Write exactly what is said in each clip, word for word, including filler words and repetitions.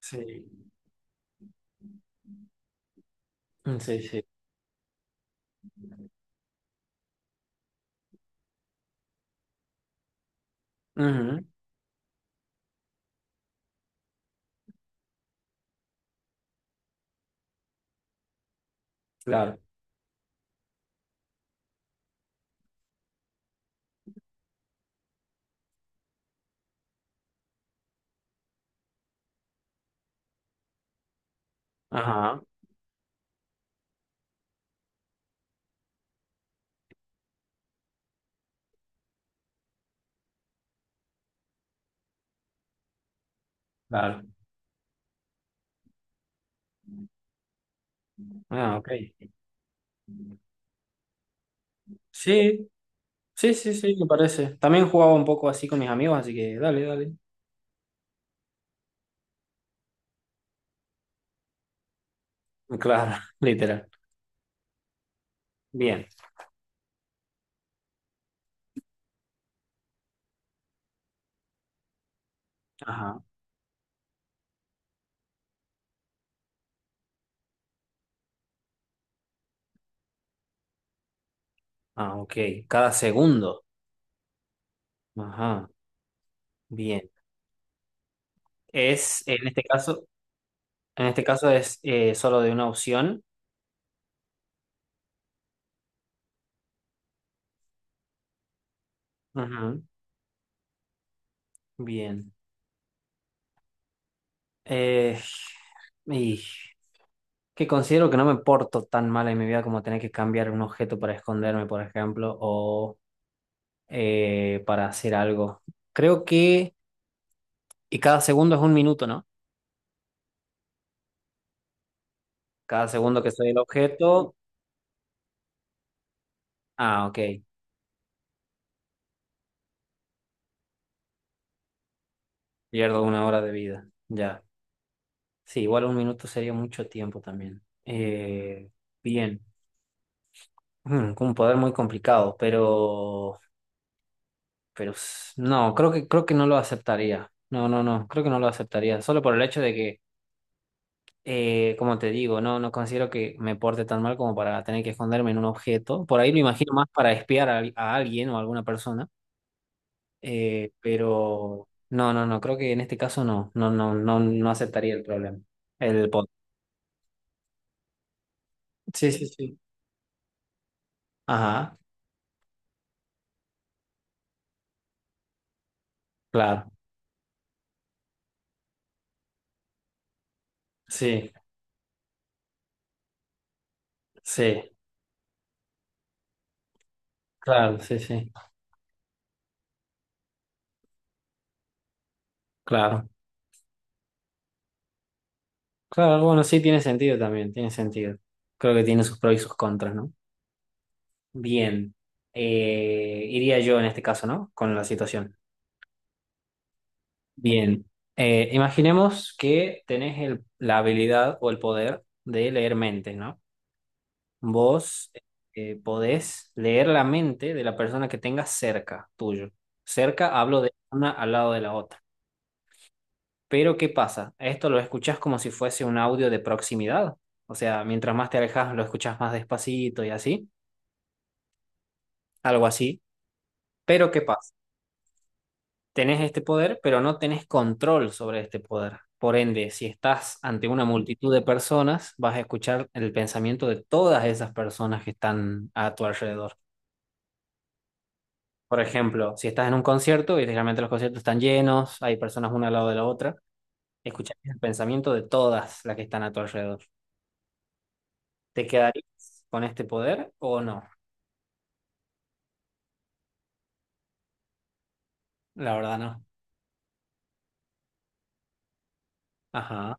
Sí, mm, sí, sí. Ujú, claro. Ajá, claro. Ah, ok. Sí, sí, sí, sí, me parece. También jugaba un poco así con mis amigos, así que dale, dale. Claro, literal. Bien. Ajá. Ah, ok. Cada segundo. Ajá. Bien. Es, en este caso, En este caso es eh, solo de una opción. Ujú. Bien. Eh, y que considero que no me porto tan mal en mi vida como tener que cambiar un objeto para esconderme, por ejemplo, o eh, para hacer algo. Creo que, y cada segundo es un minuto, ¿no? Cada segundo que soy el objeto, ah, ok, pierdo una hora de vida, ya. Sí, igual un minuto sería mucho tiempo también. Eh, bien. Mm, con un poder muy complicado, pero, pero s- no, creo que, creo que no lo aceptaría. No, no, no, creo que no lo aceptaría, solo por el hecho de que, eh, como te digo, no, no considero que me porte tan mal como para tener que esconderme en un objeto. Por ahí lo imagino más para espiar a, al- a alguien o a alguna persona. Eh, pero no, no, no, creo que en este caso no, no, no, no, no aceptaría el problema. El pot. Sí, sí, sí. Ajá, claro. Sí, sí, claro, sí, sí. Claro. Claro, bueno, sí tiene sentido también, tiene sentido. Creo que tiene sus pros y sus contras, ¿no? Bien. Eh, iría yo en este caso, ¿no? Con la situación. Bien. Eh, imaginemos que tenés el- la habilidad o el poder de leer mentes, ¿no? Vos eh, podés leer la mente de la persona que tengas cerca tuyo. Cerca hablo de una al lado de la otra. Pero ¿qué pasa? Esto lo escuchás como si fuese un audio de proximidad. O sea, mientras más te alejas, lo escuchás más despacito y así. Algo así. Pero ¿qué pasa? Tenés este poder, pero no tenés control sobre este poder. Por ende, si estás ante una multitud de personas, vas a escuchar el pensamiento de todas esas personas que están a tu alrededor. Por ejemplo, si estás en un concierto, y generalmente los conciertos están llenos, hay personas una al lado de la otra, escucharías el pensamiento de todas las que están a tu alrededor. ¿Te quedarías con este poder o no? La verdad no. Ajá,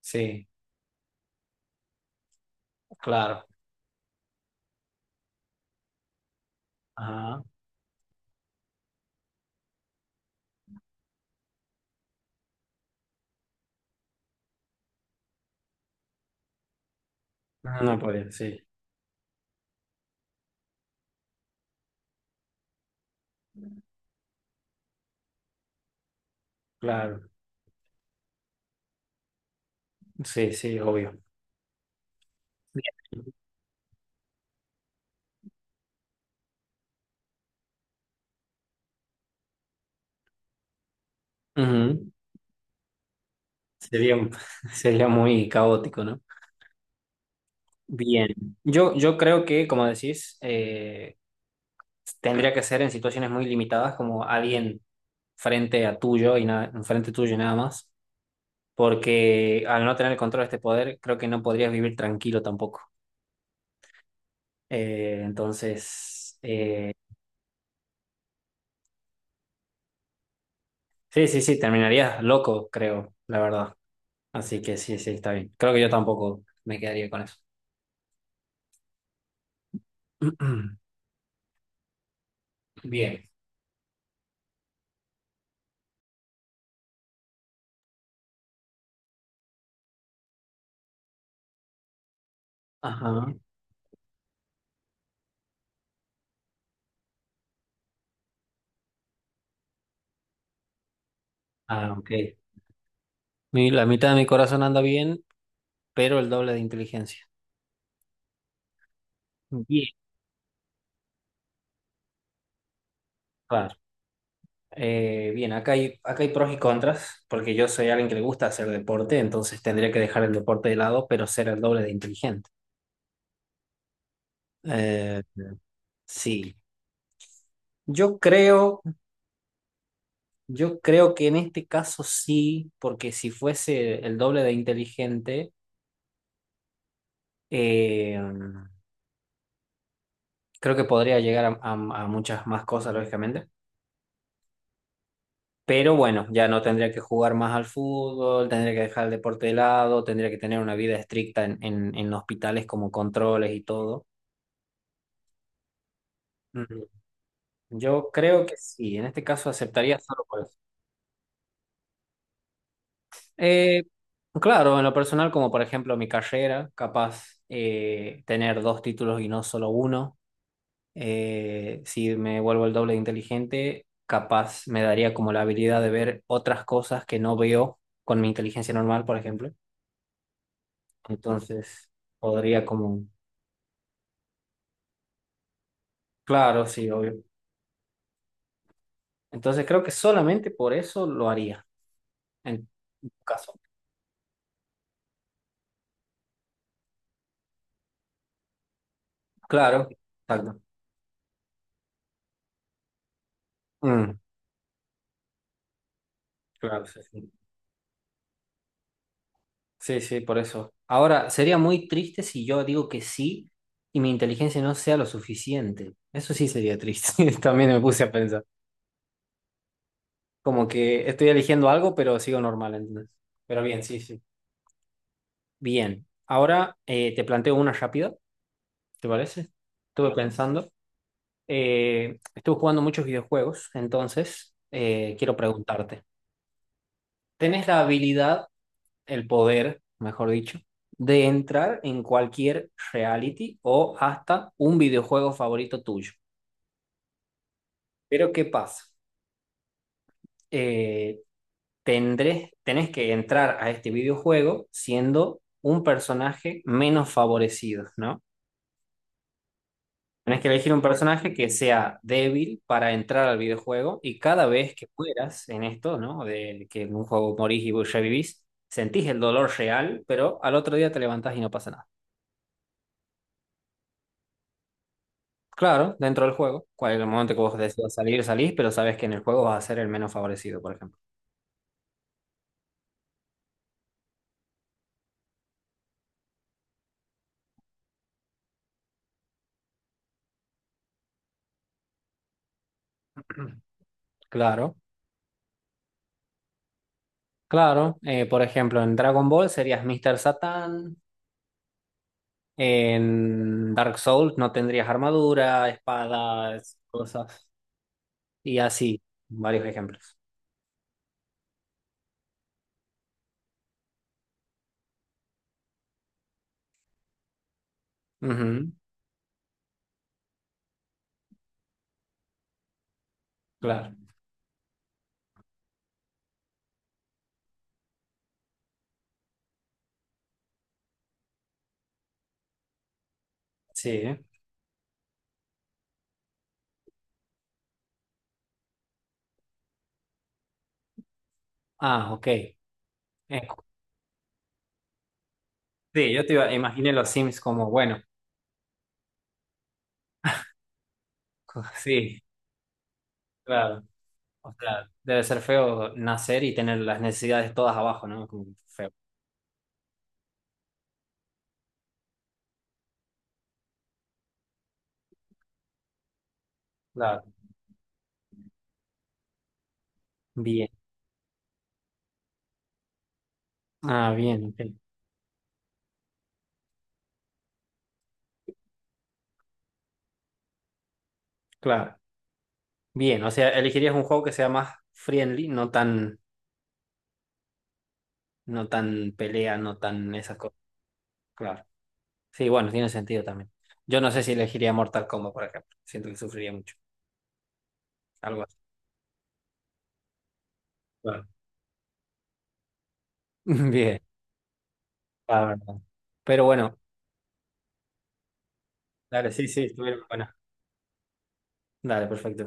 sí, claro. Ajá. No podría, sí, claro. Sí, sí, obvio. Ujú. Sería, un- Sería muy caótico, ¿no? Bien, yo, yo creo que, como decís, eh, tendría que ser en situaciones muy limitadas, como alguien frente a tuyo y nada, frente tuyo y nada más, porque al no tener el control de este poder, creo que no podrías vivir tranquilo tampoco. Eh, entonces, eh, sí, sí, sí, terminarías loco, creo, la verdad. Así que sí, sí, está bien. Creo que yo tampoco me quedaría con eso. Bien. Ajá. Ah, ok. Mi- la mitad de mi corazón anda bien, pero el doble de inteligencia. Bien. Claro. Eh, bien, acá hay, acá hay pros y contras, porque yo soy alguien que le gusta hacer deporte, entonces tendría que dejar el deporte de lado, pero ser el doble de inteligente. Eh, sí, yo creo, yo creo que en este caso sí, porque si fuese el doble de inteligente, eh, creo que podría llegar a, a- a muchas más cosas, lógicamente. Pero bueno, ya no tendría que jugar más al fútbol, tendría que dejar el deporte de lado, tendría que tener una vida estricta en, en en hospitales como controles y todo. Yo creo que sí, en este caso aceptaría solo por eso. Eh, claro, en lo personal, como por ejemplo mi carrera, capaz eh, tener dos títulos y no solo uno. Eh, si me vuelvo el doble de inteligente, capaz me daría como la habilidad de ver otras cosas que no veo con mi inteligencia normal, por ejemplo. Entonces, podría como... Claro, sí, obvio. Entonces, creo que solamente por eso lo haría, en tu caso. Claro, exacto. Mm, claro, sí, sí. Sí, sí, por eso. Ahora, sería muy triste si yo digo que sí y mi inteligencia no sea lo suficiente. Eso sí sería triste. También me puse a pensar. Como que estoy eligiendo algo, pero sigo normal, ¿entendés? Pero bien, sí, sí. Bien. Ahora eh, te planteo una rápida, ¿te parece? Estuve pensando. Eh, estuve jugando muchos videojuegos, entonces eh, quiero preguntarte. ¿Tenés la habilidad el poder, mejor dicho, de entrar en cualquier reality o hasta un videojuego favorito tuyo? Pero ¿qué pasa? Eh, tendrés, Tenés que entrar a este videojuego siendo un personaje menos favorecido, ¿no? Tenés que elegir un personaje que sea débil para entrar al videojuego y cada vez que mueras en esto, ¿no? De que en un juego morís y revivís, sentís el dolor real, pero al otro día te levantás y no pasa nada. Claro, dentro del juego. Cual el momento que vos decidas salir, salís, pero sabes que en el juego vas a ser el menos favorecido, por ejemplo. Claro, claro. Eh, por ejemplo, en Dragon Ball serías míster Satan. En Dark Souls no tendrías armadura, espadas, cosas. Y así, varios ejemplos. Ujú, claro, sí. Ah, ok. Eh, sí, yo te iba, imaginé los Sims como, bueno, sí, claro. O sea, debe ser feo nacer y tener las necesidades todas abajo, ¿no? Como feo. Claro. Bien. Ah, bien, ok. Claro. Bien, o sea, elegirías un juego que sea más friendly, no tan, no tan pelea, no tan esas cosas. Claro. Sí, bueno, tiene sentido también. Yo no sé si elegiría Mortal Kombat, por ejemplo. Siento que sufriría mucho. Algo así. Claro. Bien, la verdad. Pero bueno, dale, sí, sí, estuvieron buenas. Dale, perfecto.